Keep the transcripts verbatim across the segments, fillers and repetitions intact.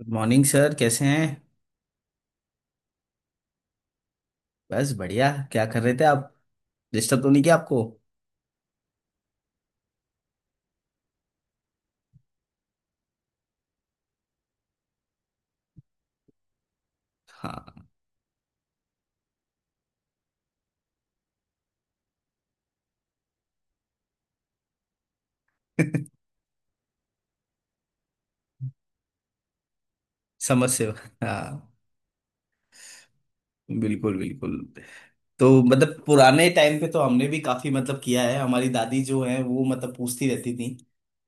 Good morning sir, कैसे हैं? बस बढ़िया। क्या कर रहे थे आप? डिस्टर्ब तो नहीं किया आपको? हाँ। समझ से। हाँ। बिल्कुल बिल्कुल। तो मतलब पुराने टाइम पे तो हमने भी काफी मतलब किया है। हमारी दादी जो है वो मतलब पूछती रहती थी।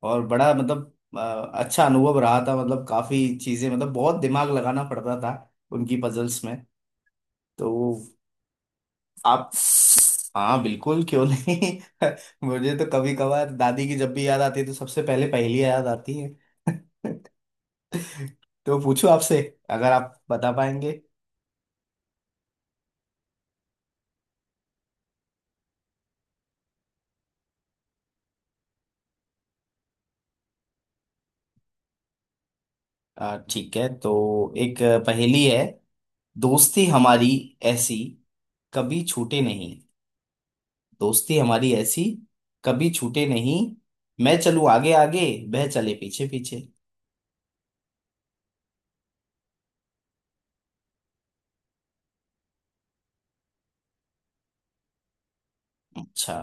और बड़ा मतलब अ, अच्छा अनुभव रहा था। मतलब काफी चीजें, मतलब बहुत दिमाग लगाना पड़ता था उनकी पजल्स में। तो आप? हाँ बिल्कुल, क्यों नहीं। मुझे तो कभी कभार दादी की जब भी याद आती है तो सबसे पहले पहेली याद आती है। तो पूछूं आपसे? अगर आप बता पाएंगे। आ, ठीक है, तो एक पहेली है। दोस्ती हमारी ऐसी, कभी छूटे नहीं। दोस्ती हमारी ऐसी, कभी छूटे नहीं। मैं चलूं आगे आगे, वह चले पीछे पीछे। अच्छा।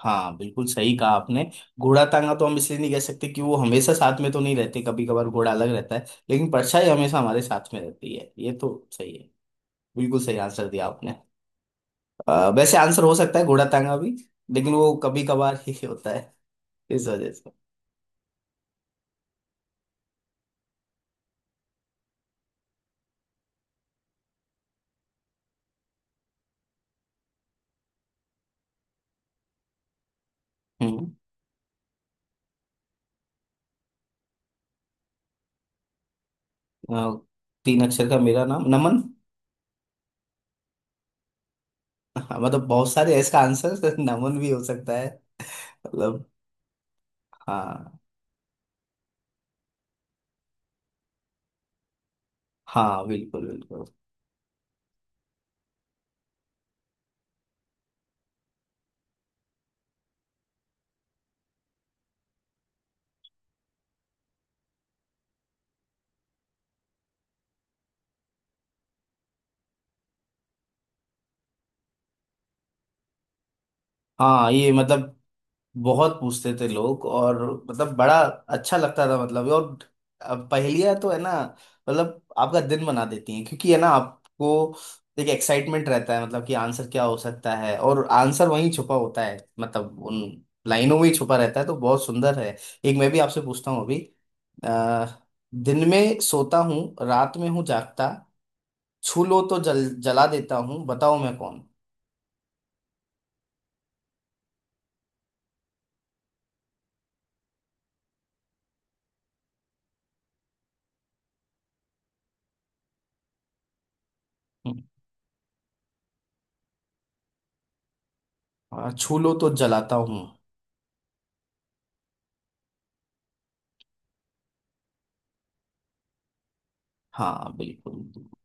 हाँ, बिल्कुल सही कहा आपने। घोड़ा टांगा तो हम इसलिए नहीं कह सकते कि वो हमेशा साथ में तो नहीं रहते, कभी कभार घोड़ा अलग रहता है। लेकिन परछाई हमेशा हमारे साथ में रहती है, ये तो सही है। बिल्कुल सही आंसर दिया आपने। अ, वैसे आंसर हो सकता है घोड़ा टांगा भी, लेकिन वो कभी कभार ही होता है इस वजह से। हम्म। अ, तीन अक्षर का मेरा नाम नमन। हाँ, मतलब बहुत सारे हैं इसका आंसर। नमन भी हो सकता है मतलब। हाँ। हाँ बिल्कुल बिल्कुल। हाँ ये मतलब बहुत पूछते थे लोग, और मतलब बड़ा अच्छा लगता था मतलब। और अब पहेलियां तो है ना, मतलब आपका दिन बना देती हैं। क्योंकि है ना, आपको एक एक्साइटमेंट रहता है मतलब कि आंसर क्या हो सकता है, और आंसर वहीं छुपा होता है, मतलब उन लाइनों में ही छुपा रहता है। तो बहुत सुंदर है। एक मैं भी आपसे पूछता हूँ अभी। अ, दिन में सोता हूँ, रात में हूँ जागता, छू लो तो जल जला देता हूँ, बताओ मैं कौन हूँ। अ, छू लो तो जलाता हूँ। हाँ बिल्कुल।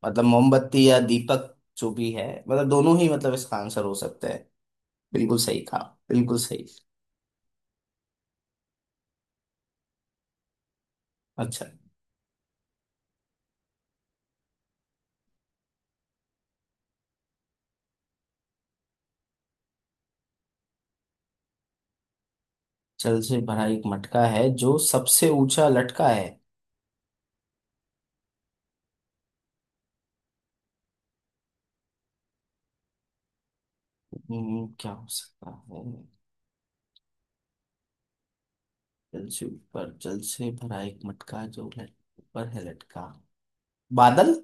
मतलब मोमबत्ती या दीपक जो भी है, मतलब दोनों ही मतलब इसका आंसर हो सकता है। बिल्कुल सही कहा। बिल्कुल सही। अच्छा। जल से भरा एक मटका है, जो सबसे ऊंचा लटका है। हम्म, क्या हो सकता है? जल से ऊपर, जल से भरा एक मटका जो लट, ऊपर है लटका। बादल।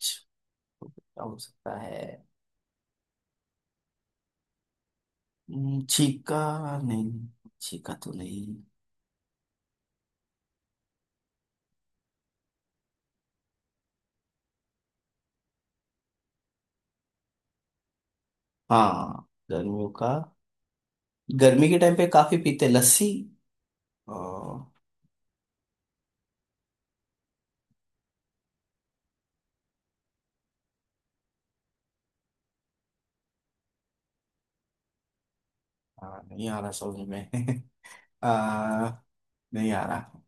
छ, क्या हो सकता है? हम्म, छीका? नहीं, छीका तो नहीं। हाँ, गर्मियों का। गर्मी के टाइम पे काफी पीते हैं। लस्सी? हाँ, नहीं आ रहा समझ में। आ, नहीं आ रहा।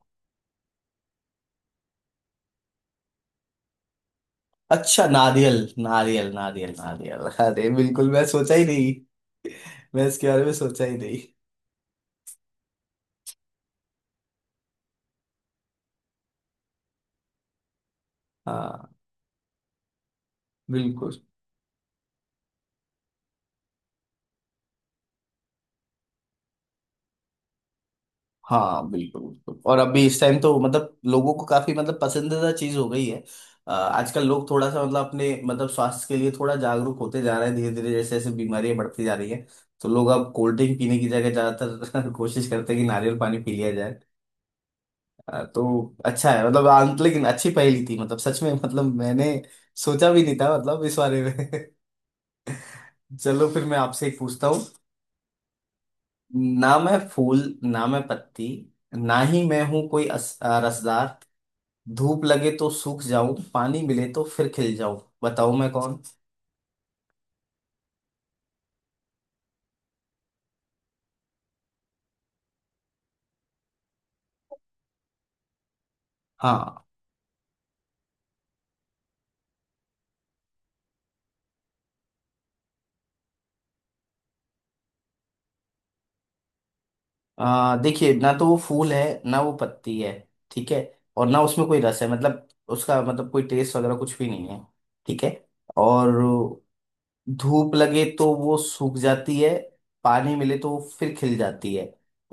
अच्छा, नारियल। नारियल, नारियल, नारियल। अरे बिल्कुल, मैं सोचा ही नहीं। मैं इसके बारे में सोचा ही नहीं। हाँ। बिल्कुल। हाँ बिल्कुल बिल्कुल। और अभी इस टाइम तो मतलब लोगों को काफी मतलब पसंदीदा चीज हो गई है। अ, आजकल लोग थोड़ा सा मतलब अपने मतलब स्वास्थ्य के लिए थोड़ा जागरूक होते जा रहे हैं, धीरे धीरे जैसे जैसे बीमारियां बढ़ती जा रही है। तो लोग अब कोल्ड ड्रिंक पीने की जगह ज्यादातर कोशिश करते हैं कि नारियल पानी पी लिया। अ, तो अच्छा है मतलब, आं- लेकिन अच्छी पहेली थी मतलब, सच में मतलब मैंने सोचा भी नहीं था मतलब इस बारे में। चलो, फिर मैं आपसे एक पूछता हूँ। ना मैं फूल, ना मैं पत्ती, ना ही मैं हूं कोई अस, अ, रसदार। धूप लगे तो सूख जाऊं, पानी मिले तो फिर खिल जाऊं, बताओ मैं कौन? हाँ। आ, देखिए, ना तो वो फूल है, ना वो पत्ती है। ठीक है? और ना उसमें कोई रस है, मतलब उसका मतलब कोई टेस्ट वगैरह कुछ भी नहीं है। ठीक है? और धूप लगे तो वो सूख जाती है, पानी मिले तो वो फिर खिल जाती है।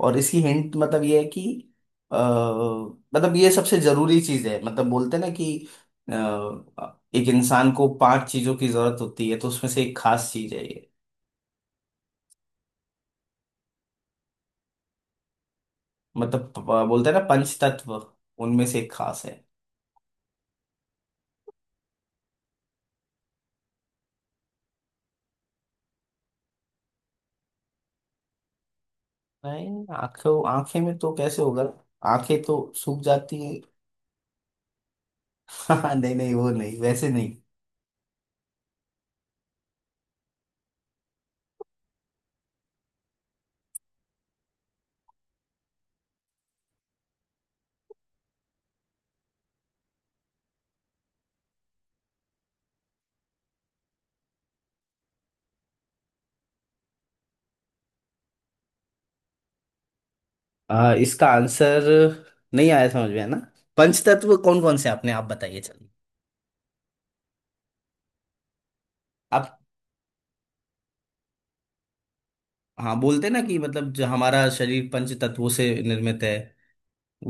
और इसकी हिंट मतलब ये है कि अ, मतलब ये सबसे जरूरी चीज है, मतलब बोलते हैं ना कि अ, एक इंसान को पांच चीजों की जरूरत होती है, तो उसमें से एक खास चीज है ये। मतलब प- प- बोलते हैं ना, पंच तत्व। उनमें से एक खास है। नहीं, आंखों आंखें में तो कैसे होगा? आंखें तो सूख जाती है। नहीं नहीं, वो नहीं, वैसे नहीं। आ, इसका आंसर नहीं आया समझ में, है ना? पंचतत्व कौन कौन से हैं, अपने आप बताइए, चलिए। आप। हाँ, बोलते ना कि मतलब जो हमारा शरीर पंच तत्वों से निर्मित है।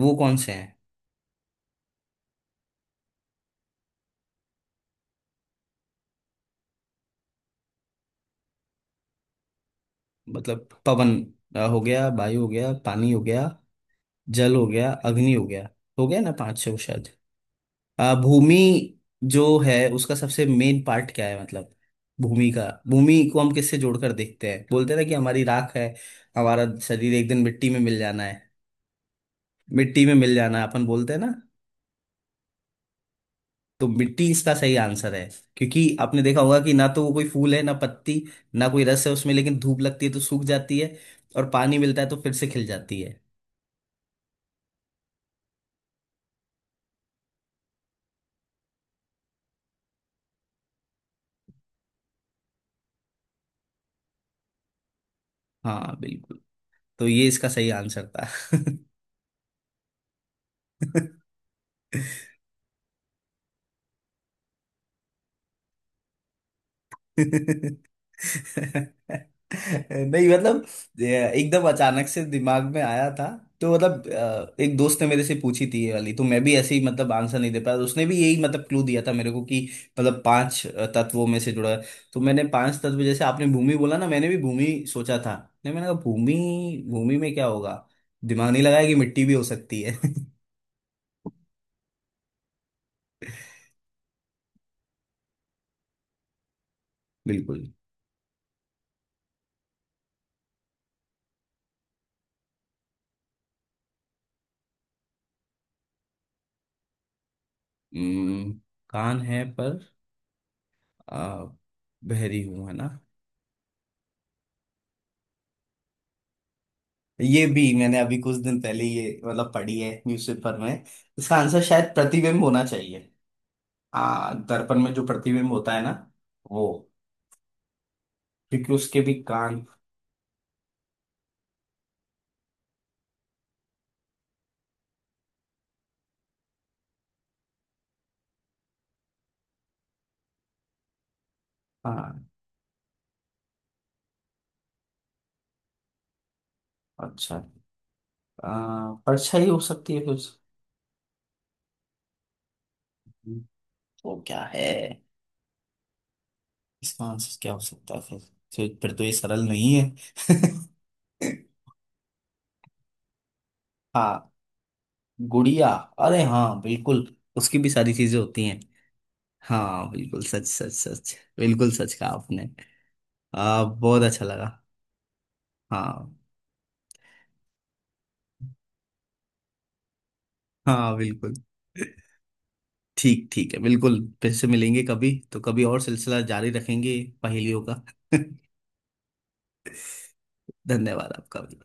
वो कौन से हैं? मतलब पवन, आ, हो गया। वायु हो गया। पानी हो गया। जल हो गया। अग्नि हो गया। हो गया ना पांच छह शायद। आ, भूमि जो है, उसका सबसे मेन पार्ट क्या है मतलब? भूमि का, भूमि को हम किससे जोड़कर देखते हैं? बोलते हैं ना कि हमारी राख है, हमारा शरीर एक दिन मिट्टी में मिल जाना है। मिट्टी में मिल जाना अपन बोलते हैं ना। तो मिट्टी इसका सही आंसर है। क्योंकि आपने देखा होगा कि ना तो वो कोई फूल है, ना पत्ती, ना कोई रस है उसमें, लेकिन धूप लगती है तो सूख जाती है, और पानी मिलता है तो फिर से खिल जाती है। हाँ बिल्कुल। तो ये इसका सही आंसर था। नहीं मतलब, ये एकदम अचानक से दिमाग में आया था। तो मतलब अ, एक दोस्त ने मेरे से पूछी थी ये वाली, तो मैं भी ऐसे ही मतलब आंसर नहीं दे पाया। उसने भी यही मतलब क्लू दिया था मेरे को कि मतलब पांच अ, तत्वों में से जुड़ा है। तो मैंने पांच तत्व, जैसे आपने भूमि बोला ना, मैंने भी भूमि सोचा था। नहीं, मैंने कहा भूमि, भूमि में क्या होगा? दिमाग नहीं लगाया कि मिट्टी भी हो सकती है। बिल्कुल। हम्म, कान है पर आ, बहरी हूं, है ना? ये भी मैंने अभी कुछ दिन पहले ये मतलब पढ़ी है न्यूज़पेपर में। इसका आंसर शायद प्रतिबिंब होना चाहिए। आ, दर्पण में जो प्रतिबिंब होता है ना, वो, क्योंकि उसके भी कान। हाँ। अच्छा। आ, परछाई हो सकती है कुछ? तो क्या है, इसका आंसर क्या हो सकता है फिर? फिर फिर तो ये सरल नहीं है। हाँ। गुड़िया? अरे हाँ बिल्कुल, उसकी भी सारी चीजें होती हैं। हाँ बिल्कुल, सच सच सच, बिल्कुल सच कहा आपने। आ, बहुत अच्छा लगा। हाँ। हाँ बिल्कुल। ठीक ठीक है बिल्कुल, फिर से मिलेंगे कभी तो कभी, और सिलसिला जारी रखेंगे पहेलियों का। धन्यवाद आपका भी।